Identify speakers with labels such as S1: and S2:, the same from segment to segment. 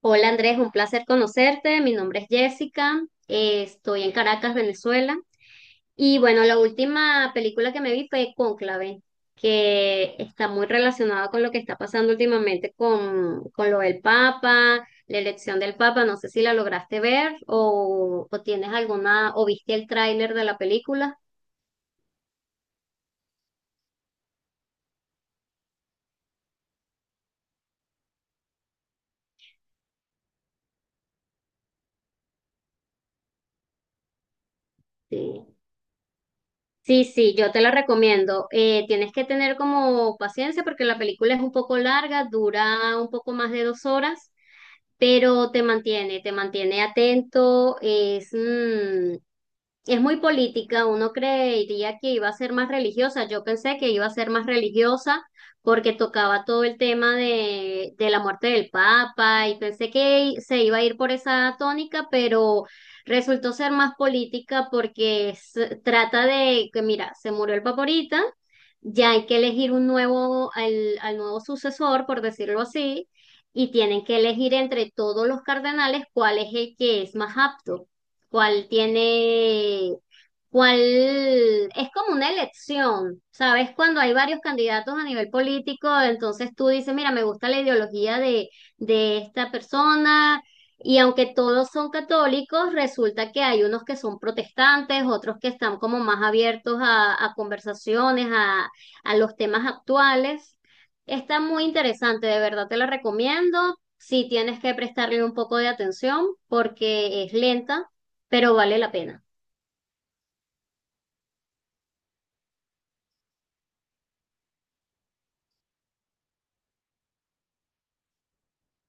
S1: Hola Andrés, un placer conocerte. Mi nombre es Jessica. Estoy en Caracas, Venezuela. Y bueno, la última película que me vi fue Cónclave, que está muy relacionada con lo que está pasando últimamente con lo del Papa, la elección del Papa. No sé si la lograste ver o tienes alguna, o viste el tráiler de la película. Sí. Sí, sí, yo te la recomiendo. Tienes que tener como paciencia porque la película es un poco larga, dura un poco más de 2 horas. Pero te mantiene atento, es muy política, uno creería que iba a ser más religiosa. Yo pensé que iba a ser más religiosa porque tocaba todo el tema de la muerte del Papa y pensé que se iba a ir por esa tónica, pero resultó ser más política porque trata de que, mira, se murió el Papa ahorita, ya hay que elegir un nuevo, al nuevo sucesor, por decirlo así, y tienen que elegir entre todos los cardenales cuál es el que es más apto, cuál tiene, cuál, es como una elección, ¿sabes? Cuando hay varios candidatos a nivel político, entonces tú dices, mira, me gusta la ideología de esta persona. Y aunque todos son católicos, resulta que hay unos que son protestantes, otros que están como más abiertos a conversaciones, a los temas actuales. Está muy interesante, de verdad te la recomiendo. Si tienes que prestarle un poco de atención porque es lenta, pero vale la pena.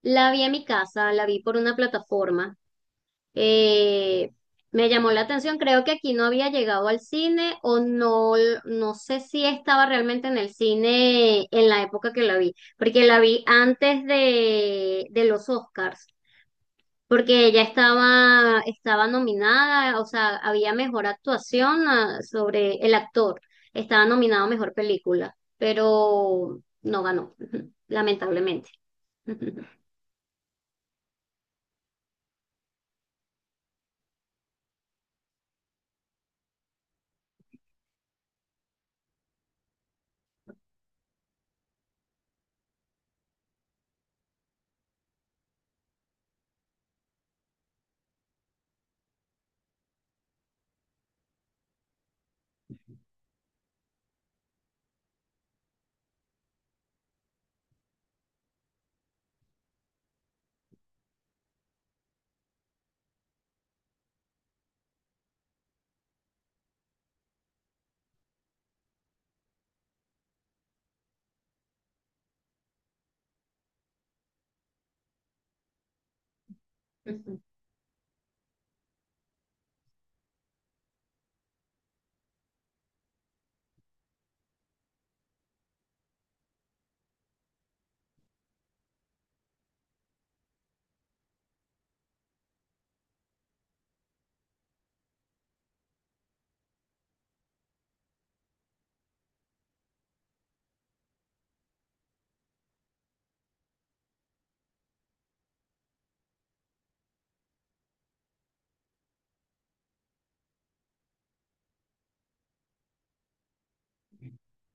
S1: La vi en mi casa, la vi por una plataforma. eh, Me llamó la atención, creo que aquí no había llegado al cine o no, no sé si estaba realmente en el cine en la época que la vi, porque la vi antes de los Oscars, porque ella estaba, estaba nominada, o sea, había mejor actuación, ah, sobre el actor, estaba nominado a mejor película, pero no ganó, lamentablemente.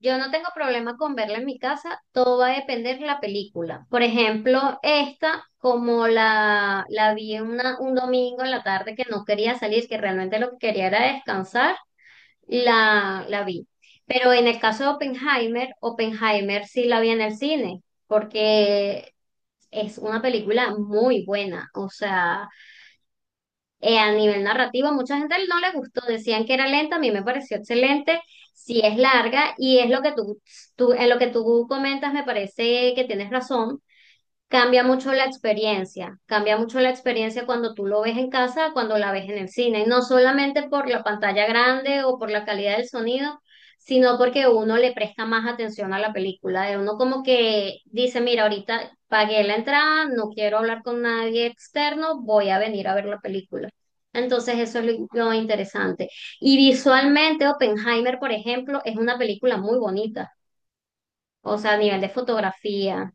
S1: Yo no tengo problema con verla en mi casa, todo va a depender de la película. Por ejemplo, esta, como la vi un domingo en la tarde que no quería salir, que realmente lo que quería era descansar, la vi. Pero en el caso de Oppenheimer, Oppenheimer sí la vi en el cine, porque es una película muy buena. O sea, a nivel narrativo, mucha gente no le gustó, decían que era lenta, a mí me pareció excelente, sí es larga y es lo que en lo que tú comentas, me parece que tienes razón. Cambia mucho la experiencia, cambia mucho la experiencia cuando tú lo ves en casa, cuando la ves en el cine, y no solamente por la pantalla grande o por la calidad del sonido, sino porque uno le presta más atención a la película, de uno como que dice, mira, ahorita pagué la entrada, no quiero hablar con nadie externo, voy a venir a ver la película. Entonces eso es lo interesante. Y visualmente, Oppenheimer, por ejemplo, es una película muy bonita, o sea, a nivel de fotografía.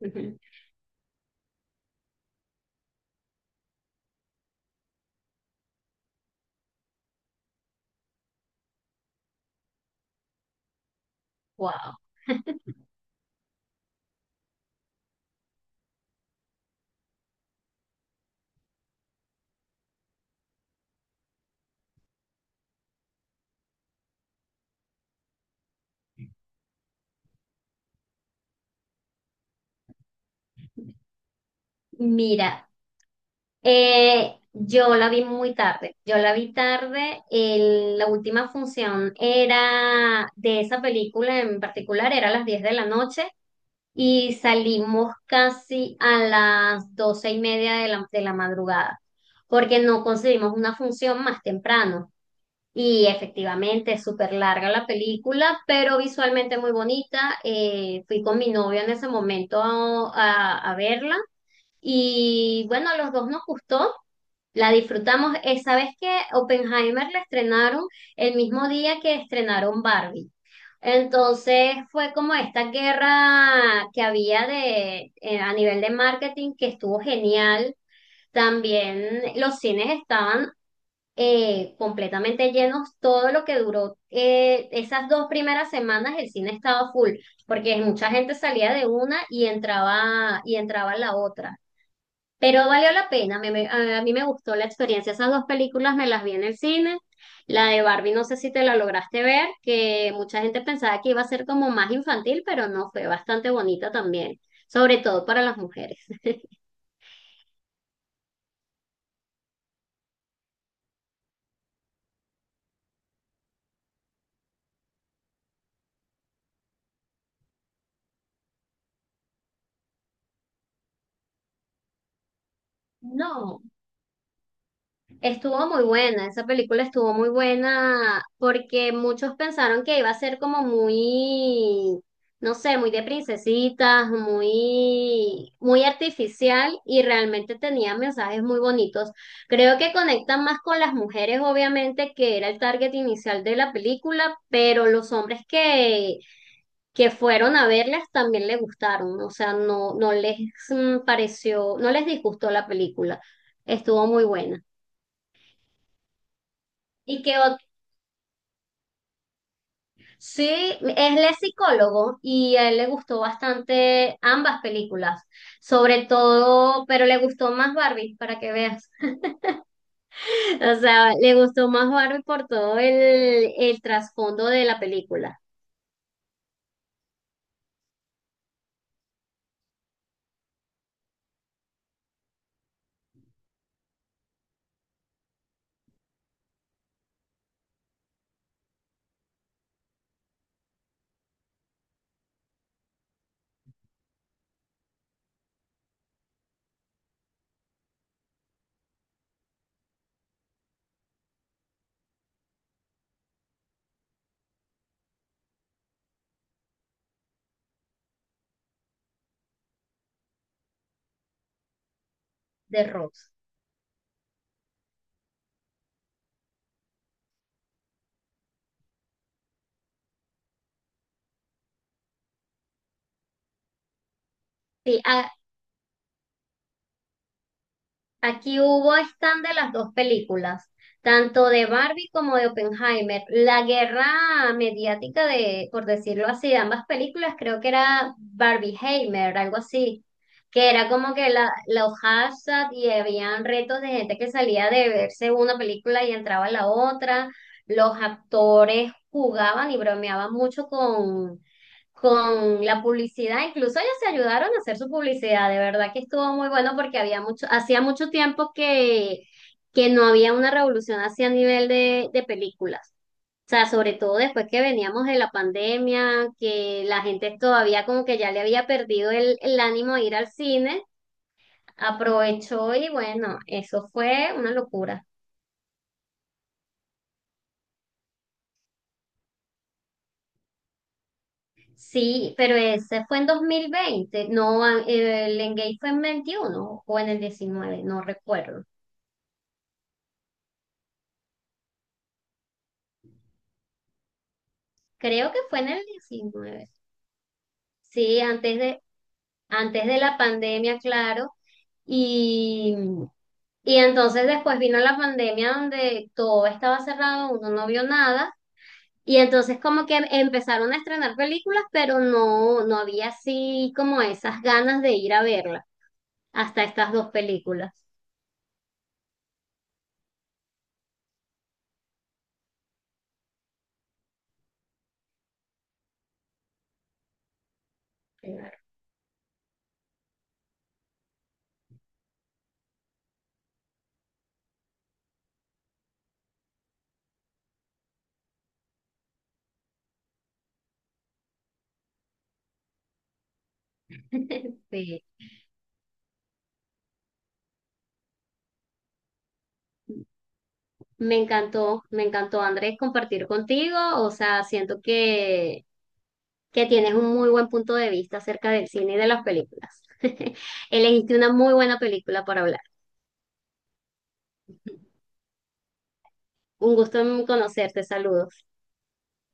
S1: Ujú. Wow. Mira, yo la vi muy tarde, yo la vi tarde, la última función era de esa película en particular, era a las 10 de la noche y salimos casi a las 12 y media de de la madrugada, porque no conseguimos una función más temprano. Y efectivamente es súper larga la película, pero visualmente muy bonita. Fui con mi novio en ese momento a verla y bueno, a los dos nos gustó. La disfrutamos. ¿Sabes qué? Oppenheimer la estrenaron el mismo día que estrenaron Barbie. Entonces fue como esta guerra que había de, a nivel de marketing que estuvo genial. También los cines estaban completamente llenos. Todo lo que duró, esas dos primeras semanas el cine estaba full, porque mucha gente salía de una y entraba la otra. Pero valió la pena, a mí me gustó la experiencia. Esas dos películas me las vi en el cine. La de Barbie, no sé si te la lograste ver, que mucha gente pensaba que iba a ser como más infantil, pero no, fue bastante bonita también, sobre todo para las mujeres. No. Estuvo muy buena, esa película estuvo muy buena porque muchos pensaron que iba a ser como muy, no sé, muy de princesitas, muy artificial y realmente tenía mensajes muy bonitos. Creo que conectan más con las mujeres, obviamente, que era el target inicial de la película, pero los hombres que fueron a verlas también les gustaron, o sea, no les pareció, no les disgustó la película. Estuvo muy buena. ¿Y qué? Sí, él es psicólogo y a él le gustó bastante ambas películas, sobre todo, pero le gustó más Barbie, para que veas. O sea, le gustó más Barbie por todo el trasfondo de la película de Rose. Sí, aquí hubo stand de las dos películas, tanto de Barbie como de Oppenheimer. La guerra mediática de, por decirlo así, de ambas películas, creo que era Barbieheimer, algo así, que era como que la, los hashtags y habían retos de gente que salía de verse una película y entraba a la otra. Los actores jugaban y bromeaban mucho con la publicidad, incluso ellos se ayudaron a hacer su publicidad, de verdad que estuvo muy bueno porque había mucho, hacía mucho tiempo que no había una revolución así a nivel de películas. O sea, sobre todo después que veníamos de la pandemia, que la gente todavía como que ya le había perdido el ánimo de ir al cine, aprovechó y bueno, eso fue una locura. Sí, pero ese fue en 2020, no, el Engage fue en 21 o en el 19, no recuerdo. Creo que fue en el 19. Sí, antes de la pandemia, claro. Y, y entonces después vino la pandemia donde todo estaba cerrado, uno no vio nada. Y entonces como que empezaron a estrenar películas, pero no, no había así como esas ganas de ir a verla, hasta estas dos películas. Claro. Sí, me encantó Andrés compartir contigo, o sea, siento que tienes un muy buen punto de vista acerca del cine y de las películas. Elegiste una muy buena película para hablar. Un gusto en conocerte, saludos.